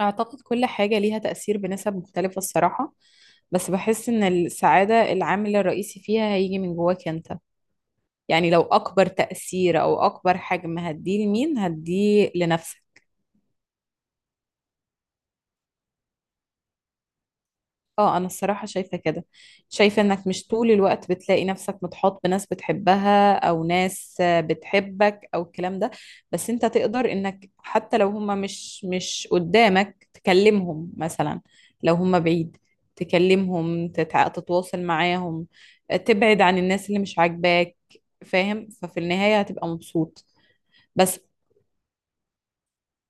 أعتقد كل حاجة ليها تأثير بنسب مختلفة الصراحة. بس بحس إن السعادة العامل الرئيسي فيها هيجي من جواك أنت. يعني لو أكبر تأثير أو أكبر حجم هتديه لمين؟ هتديه لنفسك. اه، انا الصراحة شايفة كده. شايفة انك مش طول الوقت بتلاقي نفسك متحاط بناس بتحبها او ناس بتحبك او الكلام ده. بس انت تقدر انك حتى لو هما مش قدامك تكلمهم مثلا. لو هما بعيد تكلمهم تتواصل معاهم. تبعد عن الناس اللي مش عاجباك. فاهم؟ ففي النهاية هتبقى مبسوط. بس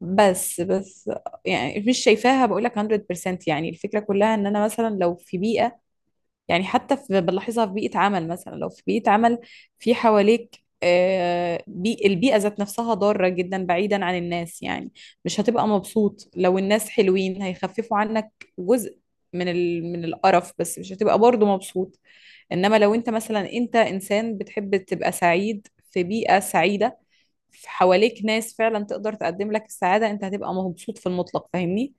بس يعني مش شايفاها. بقولك 100% يعني الفكرة كلها ان انا مثلا لو في بيئة، يعني حتى في بنلاحظها في بيئة عمل مثلا، لو في بيئة عمل في حواليك بي البيئة ذات نفسها ضارة جدا بعيدا عن الناس، يعني مش هتبقى مبسوط. لو الناس حلوين هيخففوا عنك جزء من القرف، بس مش هتبقى برضه مبسوط. انما لو انت مثلا انت انسان بتحب تبقى سعيد في بيئة سعيدة، في حواليك ناس فعلا تقدر تقدم لك السعادة، انت هتبقى مبسوط في المطلق. فاهمني؟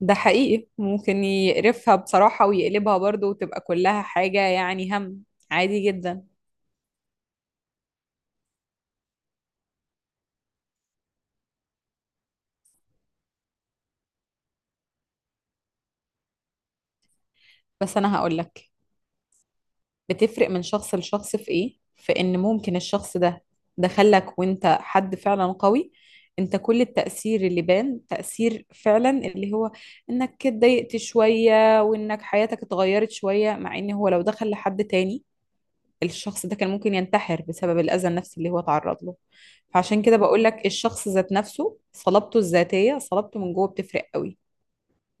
ده حقيقي، ممكن يقرفها بصراحة ويقلبها برضو وتبقى كلها حاجة يعني هم. عادي جدا. بس أنا هقولك، بتفرق من شخص لشخص في إيه؟ في إن ممكن الشخص ده دخلك وإنت حد فعلا قوي، إنت كل التأثير اللي بان تأثير فعلا اللي هو إنك اتضايقت شوية وإنك حياتك اتغيرت شوية، مع إن هو لو دخل لحد تاني الشخص ده كان ممكن ينتحر بسبب الأذى النفسي اللي هو تعرض له. فعشان كده بقول لك الشخص ذات نفسه، صلابته الذاتية، صلابته من جوه بتفرق قوي.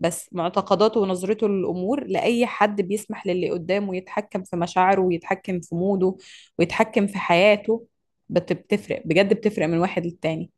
بس معتقداته ونظرته للأمور لأي حد بيسمح للي قدامه يتحكم في مشاعره ويتحكم في موده ويتحكم في حياته، بتفرق بجد، بتفرق من واحد للتاني.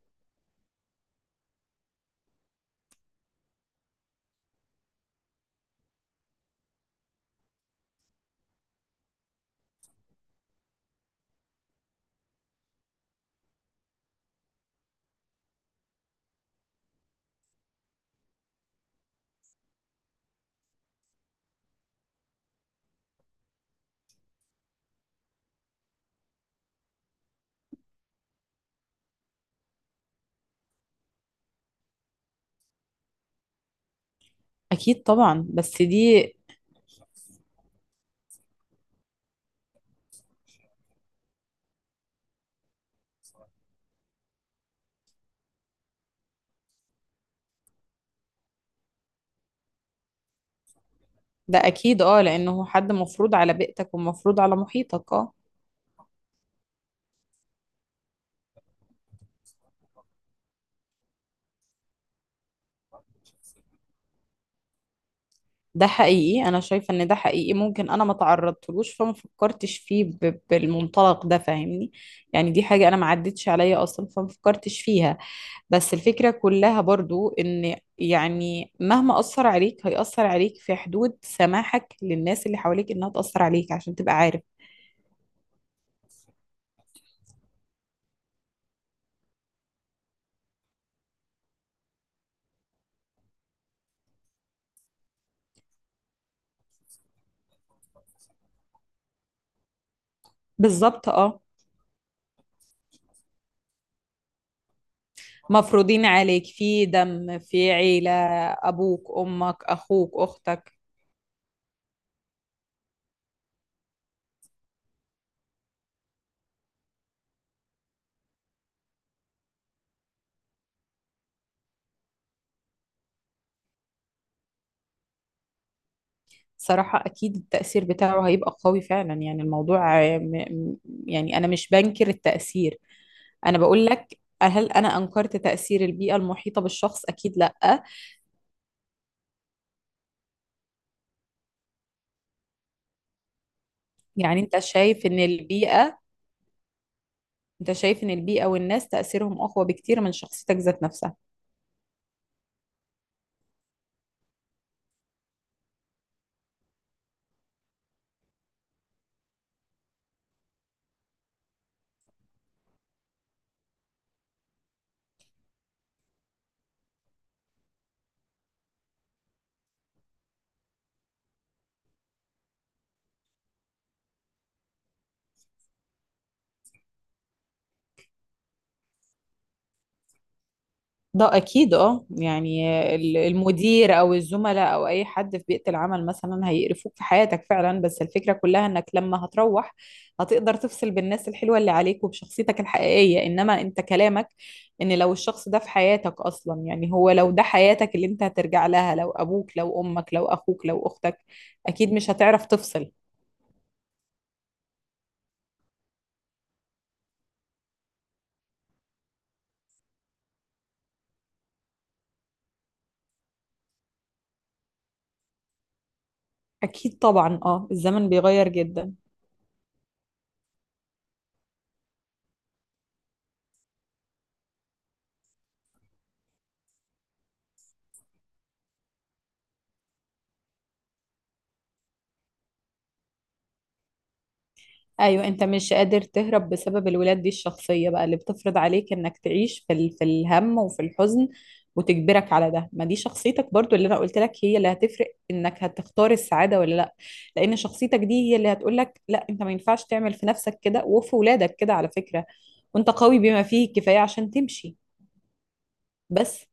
أكيد طبعا، بس دي... ده أكيد، اه، لأنه هو حد مفروض على بيئتك ومفروض على محيطك، اه. ده حقيقي، انا شايفه ان ده حقيقي. ممكن انا ما تعرضتلوش فما فكرتش فيه بالمنطلق ده، فاهمني؟ يعني دي حاجه انا ما عدتش عليا اصلا فما فكرتش فيها. بس الفكره كلها برضو ان يعني مهما اثر عليك هيأثر عليك في حدود سماحك للناس اللي حواليك انها تأثر عليك، عشان تبقى عارف. بالظبط، اه. مفروضين عليك في دم، في عيله، ابوك، امك، اخوك، اختك. صراحة أكيد التأثير بتاعه هيبقى قوي فعلا. يعني الموضوع م- يعني أنا مش بنكر التأثير. أنا بقول لك، هل أنا أنكرت تأثير البيئة المحيطة بالشخص؟ أكيد لأ. يعني أنت شايف إن البيئة، أنت شايف إن البيئة والناس تأثيرهم أقوى بكتير من شخصيتك ذات نفسها. ده اكيد، اه، يعني المدير او الزملاء او اي حد في بيئة العمل مثلا هيقرفوك في حياتك فعلا. بس الفكرة كلها انك لما هتروح هتقدر تفصل بالناس الحلوة اللي عليك وبشخصيتك الحقيقية. انما انت كلامك ان لو الشخص ده في حياتك اصلا، يعني هو لو ده حياتك اللي انت هترجع لها، لو ابوك لو امك لو اخوك لو اختك، اكيد مش هتعرف تفصل. اكيد طبعا، اه، الزمن بيغير جدا. ايوه انت مش قادر تهرب بسبب الولاد. دي الشخصيه بقى اللي بتفرض عليك انك تعيش في الهم وفي الحزن، وتجبرك على ده. ما دي شخصيتك برضو اللي انا قلت لك هي اللي هتفرق انك هتختار السعاده ولا لا. لان شخصيتك دي هي اللي هتقول لك لا، انت ما ينفعش تعمل في نفسك كده وفي ولادك كده. على فكره، وانت قوي بما فيه الكفايه عشان تمشي، بس.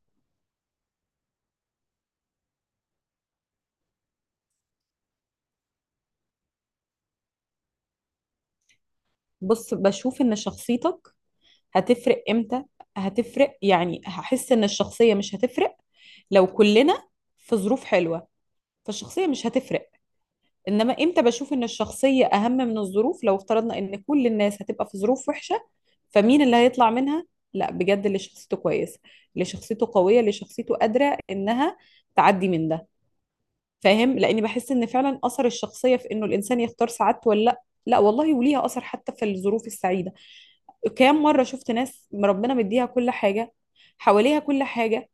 بص، بشوف ان شخصيتك هتفرق امتى. هتفرق يعني، هحس ان الشخصيه مش هتفرق لو كلنا في ظروف حلوه، فالشخصيه مش هتفرق. انما امتى بشوف ان الشخصية اهم من الظروف؟ لو افترضنا ان كل الناس هتبقى في ظروف وحشة، فمين اللي هيطلع منها؟ لا بجد، اللي شخصيته كويسة، اللي شخصيته قوية، اللي شخصيته قادرة انها تعدي من ده. فاهم؟ لاني بحس ان فعلا اثر الشخصية في انه الانسان يختار سعادته ولا لا. لا والله، وليها اثر حتى في الظروف السعيدة. كام مرة شفت ناس ربنا مديها كل حاجة، حواليها كل حاجة،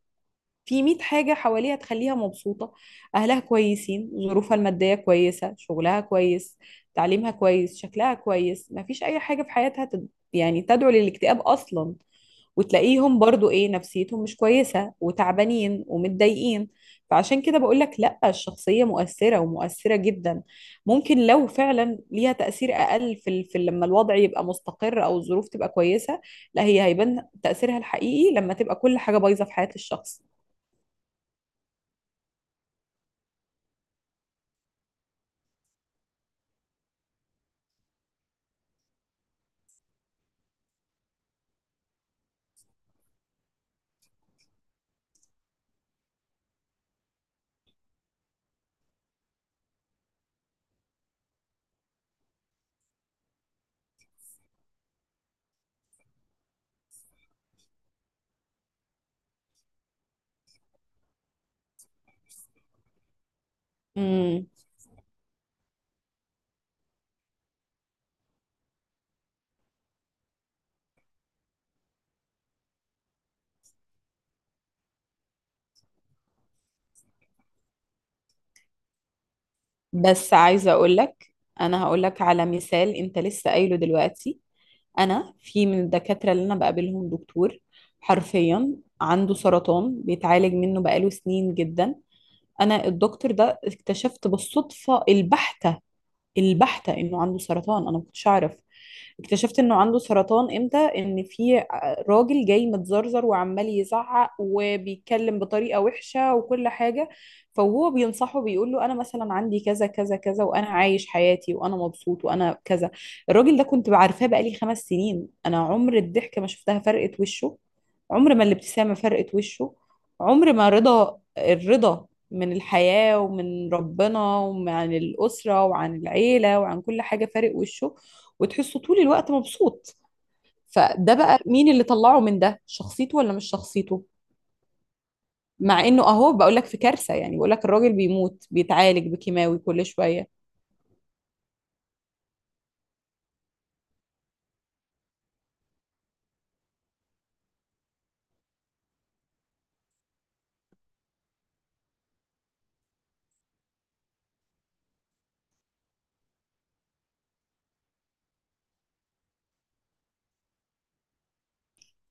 في 100 حاجة حواليها تخليها مبسوطة، أهلها كويسين، ظروفها المادية كويسة، شغلها كويس، تعليمها كويس، شكلها كويس، مفيش أي حاجة في حياتها يعني تدعو للاكتئاب أصلا، وتلاقيهم برضو إيه؟ نفسيتهم مش كويسة وتعبانين ومتضايقين. فعشان كده بقولك لأ، الشخصية مؤثرة ومؤثرة جدا. ممكن لو فعلا ليها تأثير أقل في، في لما الوضع يبقى مستقر أو الظروف تبقى كويسة، لا، هي هيبان تأثيرها الحقيقي لما تبقى كل حاجة بايظة في حياة الشخص. امم بس عايزة أقولك، أنا هقولك على مثال أنت لسه قايله دلوقتي. أنا في من الدكاترة اللي أنا بقابلهم دكتور، حرفيا، عنده سرطان بيتعالج منه بقاله سنين جدا. أنا الدكتور ده اكتشفت بالصدفة البحتة البحتة انه عنده سرطان، انا ما كنتش اعرف. اكتشفت انه عنده سرطان امتى؟ ان في راجل جاي متزرزر وعمال يزعق وبيتكلم بطريقة وحشة وكل حاجة، فهو بينصحه بيقول له انا مثلا عندي كذا كذا كذا وانا عايش حياتي وانا مبسوط وانا كذا. الراجل ده كنت بعرفاه بقالي 5 سنين، انا عمر الضحكة ما شفتها فرقت وشه، عمر ما الابتسامة فرقت وشه، عمر ما رضا الرضا من الحياة ومن ربنا وعن الأسرة وعن العيلة وعن كل حاجة فارق وشه، وتحسه طول الوقت مبسوط. فده بقى مين اللي طلعه من ده؟ شخصيته ولا مش شخصيته؟ مع انه اهو بقول لك في كارثة، يعني بقول لك الراجل بيموت بيتعالج بكيماوي كل شوية.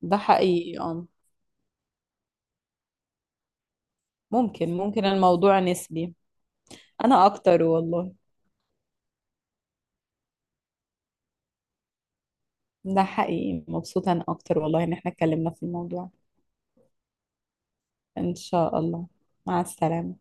ده حقيقي، اه. ممكن الموضوع نسبي. انا اكتر والله. ده حقيقي، مبسوطة انا اكتر والله ان احنا اتكلمنا في الموضوع. ان شاء الله. مع السلامة.